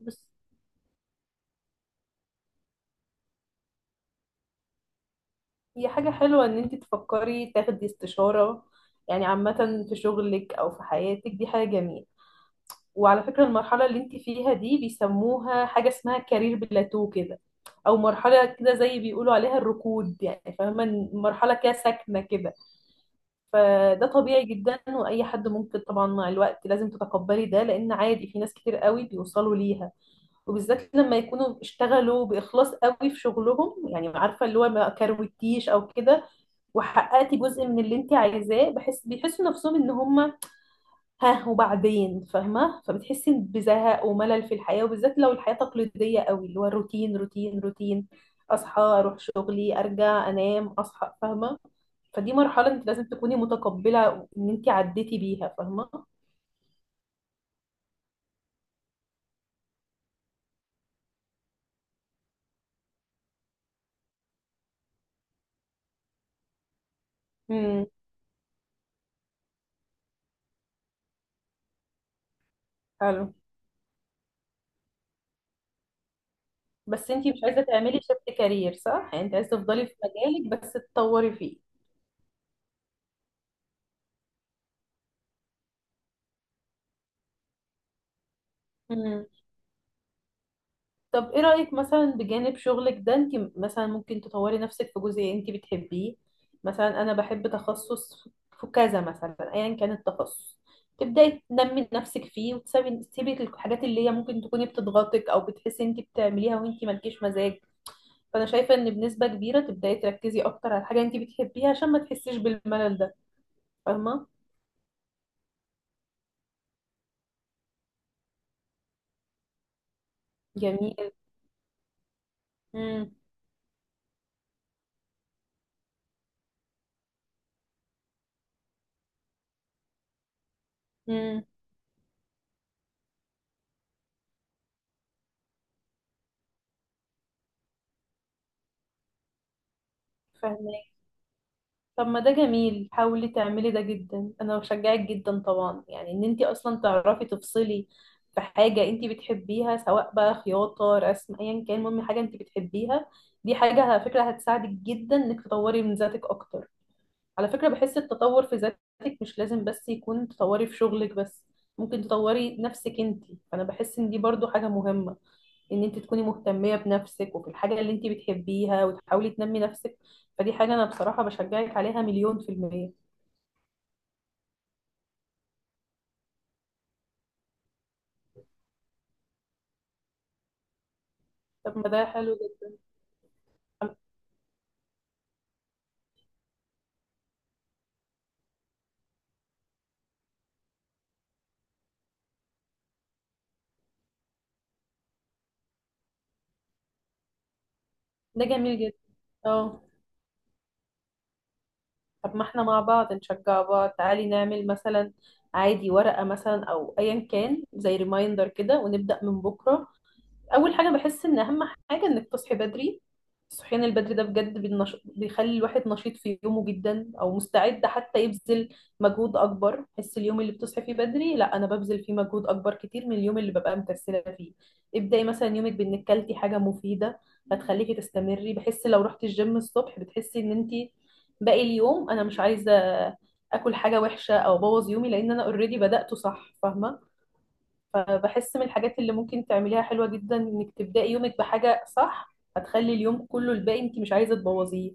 بس هي حاجة حلوة ان انت تفكري تاخدي استشارة. عامة في شغلك او في حياتك دي حاجة جميلة. وعلى فكرة المرحلة اللي انت فيها دي بيسموها حاجة اسمها كارير بلاتو كده، او مرحلة كده زي بيقولوا عليها الركود، فاهمة إن مرحلة كده ساكنة كده. فده طبيعي جدا، واي حد ممكن طبعا مع الوقت لازم تتقبلي ده، لان عادي في ناس كتير قوي بيوصلوا ليها، وبالذات لما يكونوا اشتغلوا بإخلاص قوي في شغلهم، عارفة اللي هو ما كروتيش أو كده، وحققتي جزء من اللي انت عايزاه، بحس بيحسوا نفسهم ان هم، ها وبعدين، فاهمة. فبتحسي بزهق وملل في الحياة، وبالذات لو الحياة تقليدية قوي، اللي هو روتين روتين روتين، أصحى أروح شغلي أرجع أنام أصحى، فاهمة. فدي مرحلة انت لازم تكوني متقبلة ان انت عديتي بيها، فاهمة. امم حلو. بس انتي مش عايزة تعملي شفت كارير صح؟ يعني انت عايزة تفضلي في مجالك بس تطوري فيه. مم. طب ايه رأيك، مثلا بجانب شغلك ده انت مثلا ممكن تطوري نفسك في جزء انت بتحبيه. مثلا انا بحب تخصص في كذا، مثلا ايا كان التخصص، تبداي تنمي نفسك فيه، وتسيبي الحاجات اللي هي ممكن تكوني بتضغطك او بتحسي انت بتعمليها وانت مالكيش مزاج. فانا شايفة ان بنسبة كبيرة تبداي تركزي اكتر على الحاجة انت بتحبيها عشان ما تحسيش بالملل ده، فاهمة. جميل. امم فاهمك. طب ما ده جميل، حاولي تعملي ده جدا، انا بشجعك جدا طبعا. يعني ان انت اصلا تعرفي تفصلي في حاجه انت بتحبيها، سواء بقى خياطه رسم ايا كان، المهم حاجه انت بتحبيها. دي حاجه على فكره هتساعدك جدا انك تطوري من ذاتك اكتر. على فكرة بحس التطور في ذاتك مش لازم بس يكون تطوري في شغلك بس، ممكن تطوري نفسك انتي. فأنا بحس ان دي برضو حاجة مهمة، ان انت تكوني مهتمية بنفسك وفي الحاجة اللي انت بتحبيها وتحاولي تنمي نفسك. فدي حاجة انا بصراحة بشجعك عليها مليون في المية. طب ما ده حلو جدا. طب ده جميل جدا. اه طب ما احنا مع بعض نشجع بعض، تعالي نعمل مثلا عادي ورقة مثلا او ايا كان زي ريمايندر كده ونبدأ من بكرة. اول حاجه بحس ان اهم حاجه انك تصحي بدري. الصحيان البدري ده بجد بيخلي الواحد نشيط في يومه جدا، او مستعد حتى يبذل مجهود اكبر. بحس اليوم اللي بتصحي فيه بدري لا، انا ببذل فيه مجهود اكبر كتير من اليوم اللي ببقى مكسله فيه. ابداي مثلا يومك بانك كلتي حاجه مفيده، هتخليكي تستمري. بحس لو رحتي الجيم الصبح بتحسي ان انت باقي اليوم انا مش عايزه اكل حاجه وحشه او ابوظ يومي، لان انا اوريدي بدأته صح، فاهمه. فبحس من الحاجات اللي ممكن تعمليها حلوة جدا انك تبدأي يومك بحاجة صح، هتخلي اليوم كله الباقي انت مش عايزة تبوظيه،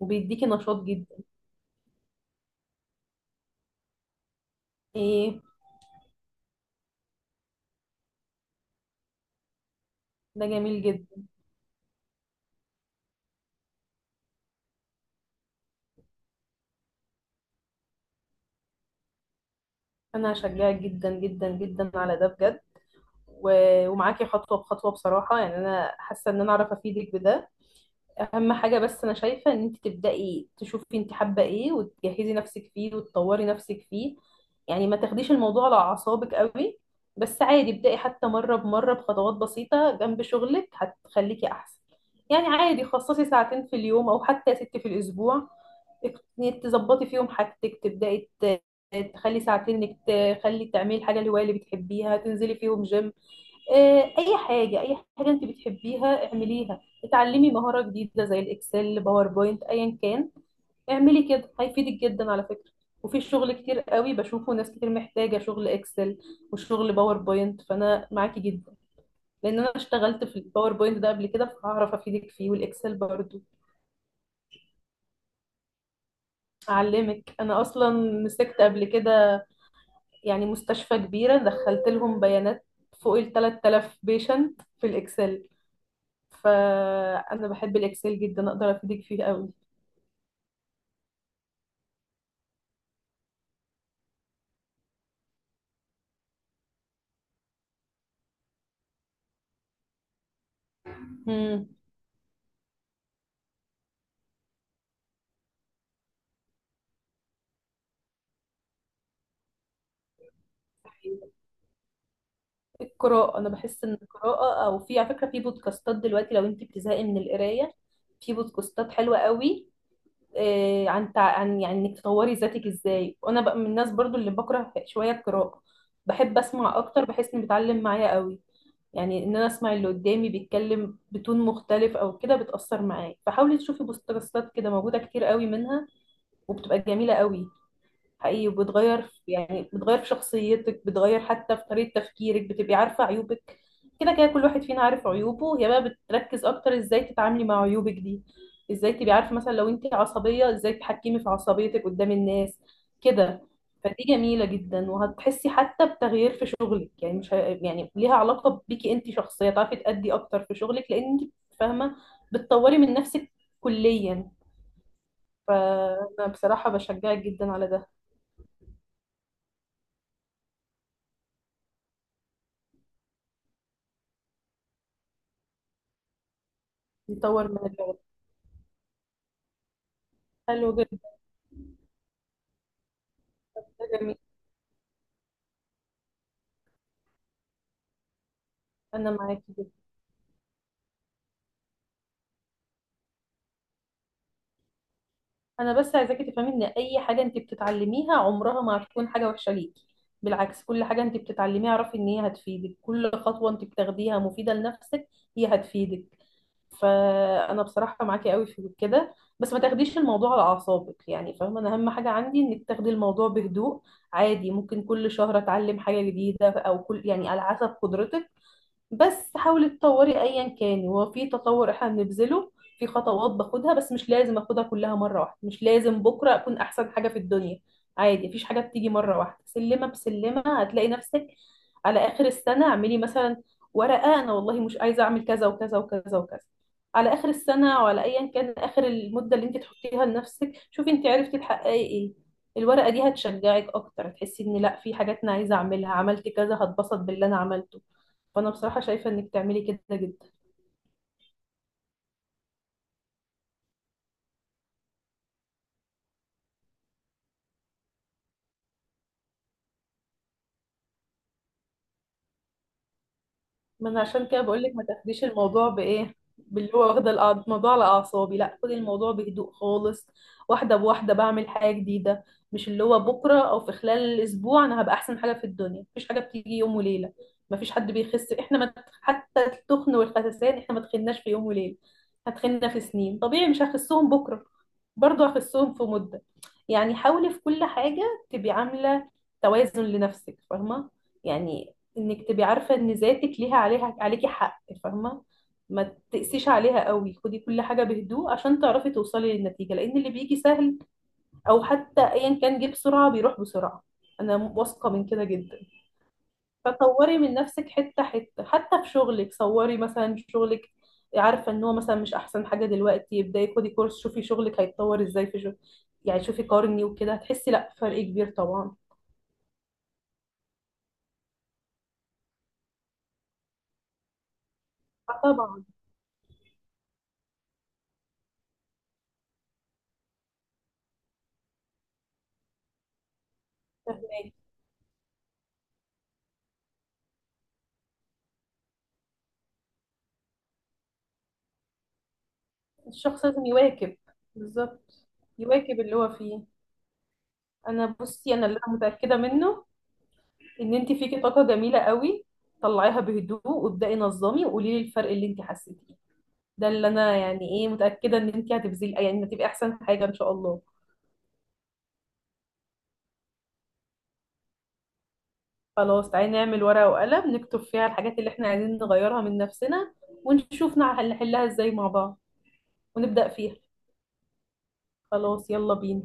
وبيديكي نشاط جدا. ايه. ده جميل جدا. انا هشجعك جدا جدا جدا على ده بجد، ومعاكي خطوة بخطوة بصراحة. يعني انا حاسة ان انا اعرف افيدك بده. اهم حاجه بس انا شايفه ان انت تبداي تشوفي انت حابه ايه وتجهزي نفسك فيه وتطوري نفسك فيه. يعني ما تاخديش الموضوع على اعصابك قوي، بس عادي ابداي حتى مره بمره بخطوات بسيطه جنب شغلك هتخليكي احسن. يعني عادي خصصي ساعتين في اليوم، او حتى ست في الاسبوع إنك تظبطي فيهم حاجتك. تخلي ساعتين انك تعملي الحاجه الهوايه اللي بتحبيها، تنزلي فيهم جيم، اي حاجه، اي حاجه انت بتحبيها اعمليها، اتعلمي مهاره جديده زي الاكسل باوربوينت ايا كان. اعملي كده هيفيدك جدا على فكره. وفي شغل كتير قوي بشوفه، ناس كتير محتاجه شغل اكسل وشغل باوربوينت، فانا معاكي جدا. لان انا اشتغلت في الباوربوينت ده قبل كده، فهعرف افيدك فيه، والاكسل برضو. اعلمك انا اصلا مسكت قبل كده. يعني مستشفى كبيره دخلت لهم بيانات فوق ال 3000 بيشنت في الاكسل. فانا بحب الاكسل جدا، اقدر افيدك فيه قوي. مم. القراءه، انا بحس ان القراءه، او في على فكره في بودكاستات دلوقتي لو انت بتزهقي من القرايه، في بودكاستات حلوه قوي، عن انك تطوري ذاتك ازاي. وانا بقى من الناس برضو اللي بكره شويه القراءه، بحب اسمع اكتر، بحس اني بتعلم معايا قوي. يعني ان انا اسمع اللي قدامي بيتكلم بتون مختلف او كده بتاثر معايا، فحاولي تشوفي بودكاستات كده، موجوده كتير قوي منها، وبتبقى جميله قوي حقيقي. وبتغير في بتغير في شخصيتك، بتغير حتى في طريقة تفكيرك، بتبقي عارفة عيوبك. كده كده كل واحد فينا عارف عيوبه، هي بقى بتركز اكتر ازاي تتعاملي مع عيوبك دي. ازاي تبقي عارفة مثلا لو انت عصبية ازاي تتحكمي في عصبيتك قدام الناس كده. فدي جميلة جدا، وهتحسي حتى بتغيير في شغلك. يعني مش ه... يعني ليها علاقة بيكي انت شخصية، تعرفي تأدي اكتر في شغلك، لان انت فاهمة بتطوري من نفسك كليا. فأنا بصراحة بشجعك جدا على ده. نطور من العلاقة. حلو جدا. ده جميل. انا معاكي جدا. انا بس عايزاكي تفهمي ان اي حاجه انت بتتعلميها عمرها ما هتكون حاجه وحشه ليكي، بالعكس كل حاجه انت بتتعلميها اعرفي ان هي هتفيدك، كل خطوه انت بتاخديها مفيده لنفسك، هي هتفيدك. فانا بصراحه معاكي قوي في كده، بس ما تاخديش الموضوع على اعصابك، فاهمه، انا اهم حاجه عندي انك تاخدي الموضوع بهدوء. عادي ممكن كل شهر اتعلم حاجه جديده، او كل على حسب قدرتك. بس حاولي تطوري ايا كان، هو في تطور احنا بنبذله في خطوات باخدها، بس مش لازم اخدها كلها مره واحده، مش لازم بكره اكون احسن حاجه في الدنيا. عادي مفيش حاجه بتيجي مره واحده، سلمه بسلمه هتلاقي نفسك. على اخر السنه اعملي مثلا ورقه، انا والله مش عايزه اعمل كذا وكذا وكذا وكذا على اخر السنه، وعلى ايا كان اخر المده اللي انت تحطيها لنفسك، شوفي انت عرفتي تحققي ايه. الورقه دي هتشجعك اكتر، هتحسي ان لا في حاجات انا عايزه اعملها عملت كذا، هتبسط باللي انا عملته. فانا بصراحه شايفه انك تعملي كده جدا. ما انا عشان كده بقول لك ما تاخديش الموضوع بايه باللي هو واخده الموضوع على اعصابي، لا خدي الموضوع بهدوء خالص، واحده بواحده بعمل حاجه جديده. مش اللي هو بكره او في خلال الاسبوع انا هبقى احسن حاجه في الدنيا، مفيش حاجه بتيجي يوم وليله. مفيش حد بيخس احنا ما، حتى التخن والخسسان احنا ما تخناش في يوم وليله، هتخنا في سنين، طبيعي مش هخسهم بكره، برضو اخسهم في مدة. يعني حاولي في كل حاجة تبقي عاملة توازن لنفسك، فاهمة. يعني انك تبقي عارفة ان ذاتك ليها عليها عليكي حق، فاهمة. ما تقسيش عليها قوي، خدي كل حاجة بهدوء عشان تعرفي توصلي للنتيجة، لان اللي بيجي سهل او حتى ايا كان جه بسرعة بيروح بسرعة، انا واثقة من كده جدا. فطوري من نفسك حتة حتة، حتى في شغلك صوري مثلا شغلك عارفة ان هو مثلا مش احسن حاجة دلوقتي، ابداي خدي كورس شوفي شغلك هيتطور ازاي في شغل. شوفي قارني وكده هتحسي لا فرق كبير طبعا. آه طبعا. فهماكي. الشخص لازم يواكب. بالظبط. يواكب اللي هو فيه. انا بصي، انا اللي أنا متأكدة منه ان انت فيكي طاقة جميلة قوي، طلعيها بهدوء وابدأي نظمي وقولي لي الفرق اللي انت حسيتيه. ده اللي انا يعني ايه متأكدة ان انت هتبذلي، هتبقي احسن حاجة ان شاء الله. خلاص تعالي نعمل ورقة وقلم، نكتب فيها الحاجات اللي احنا عايزين نغيرها من نفسنا، ونشوف نحلها ازاي مع بعض، ونبدأ فيها. خلاص يلا بينا.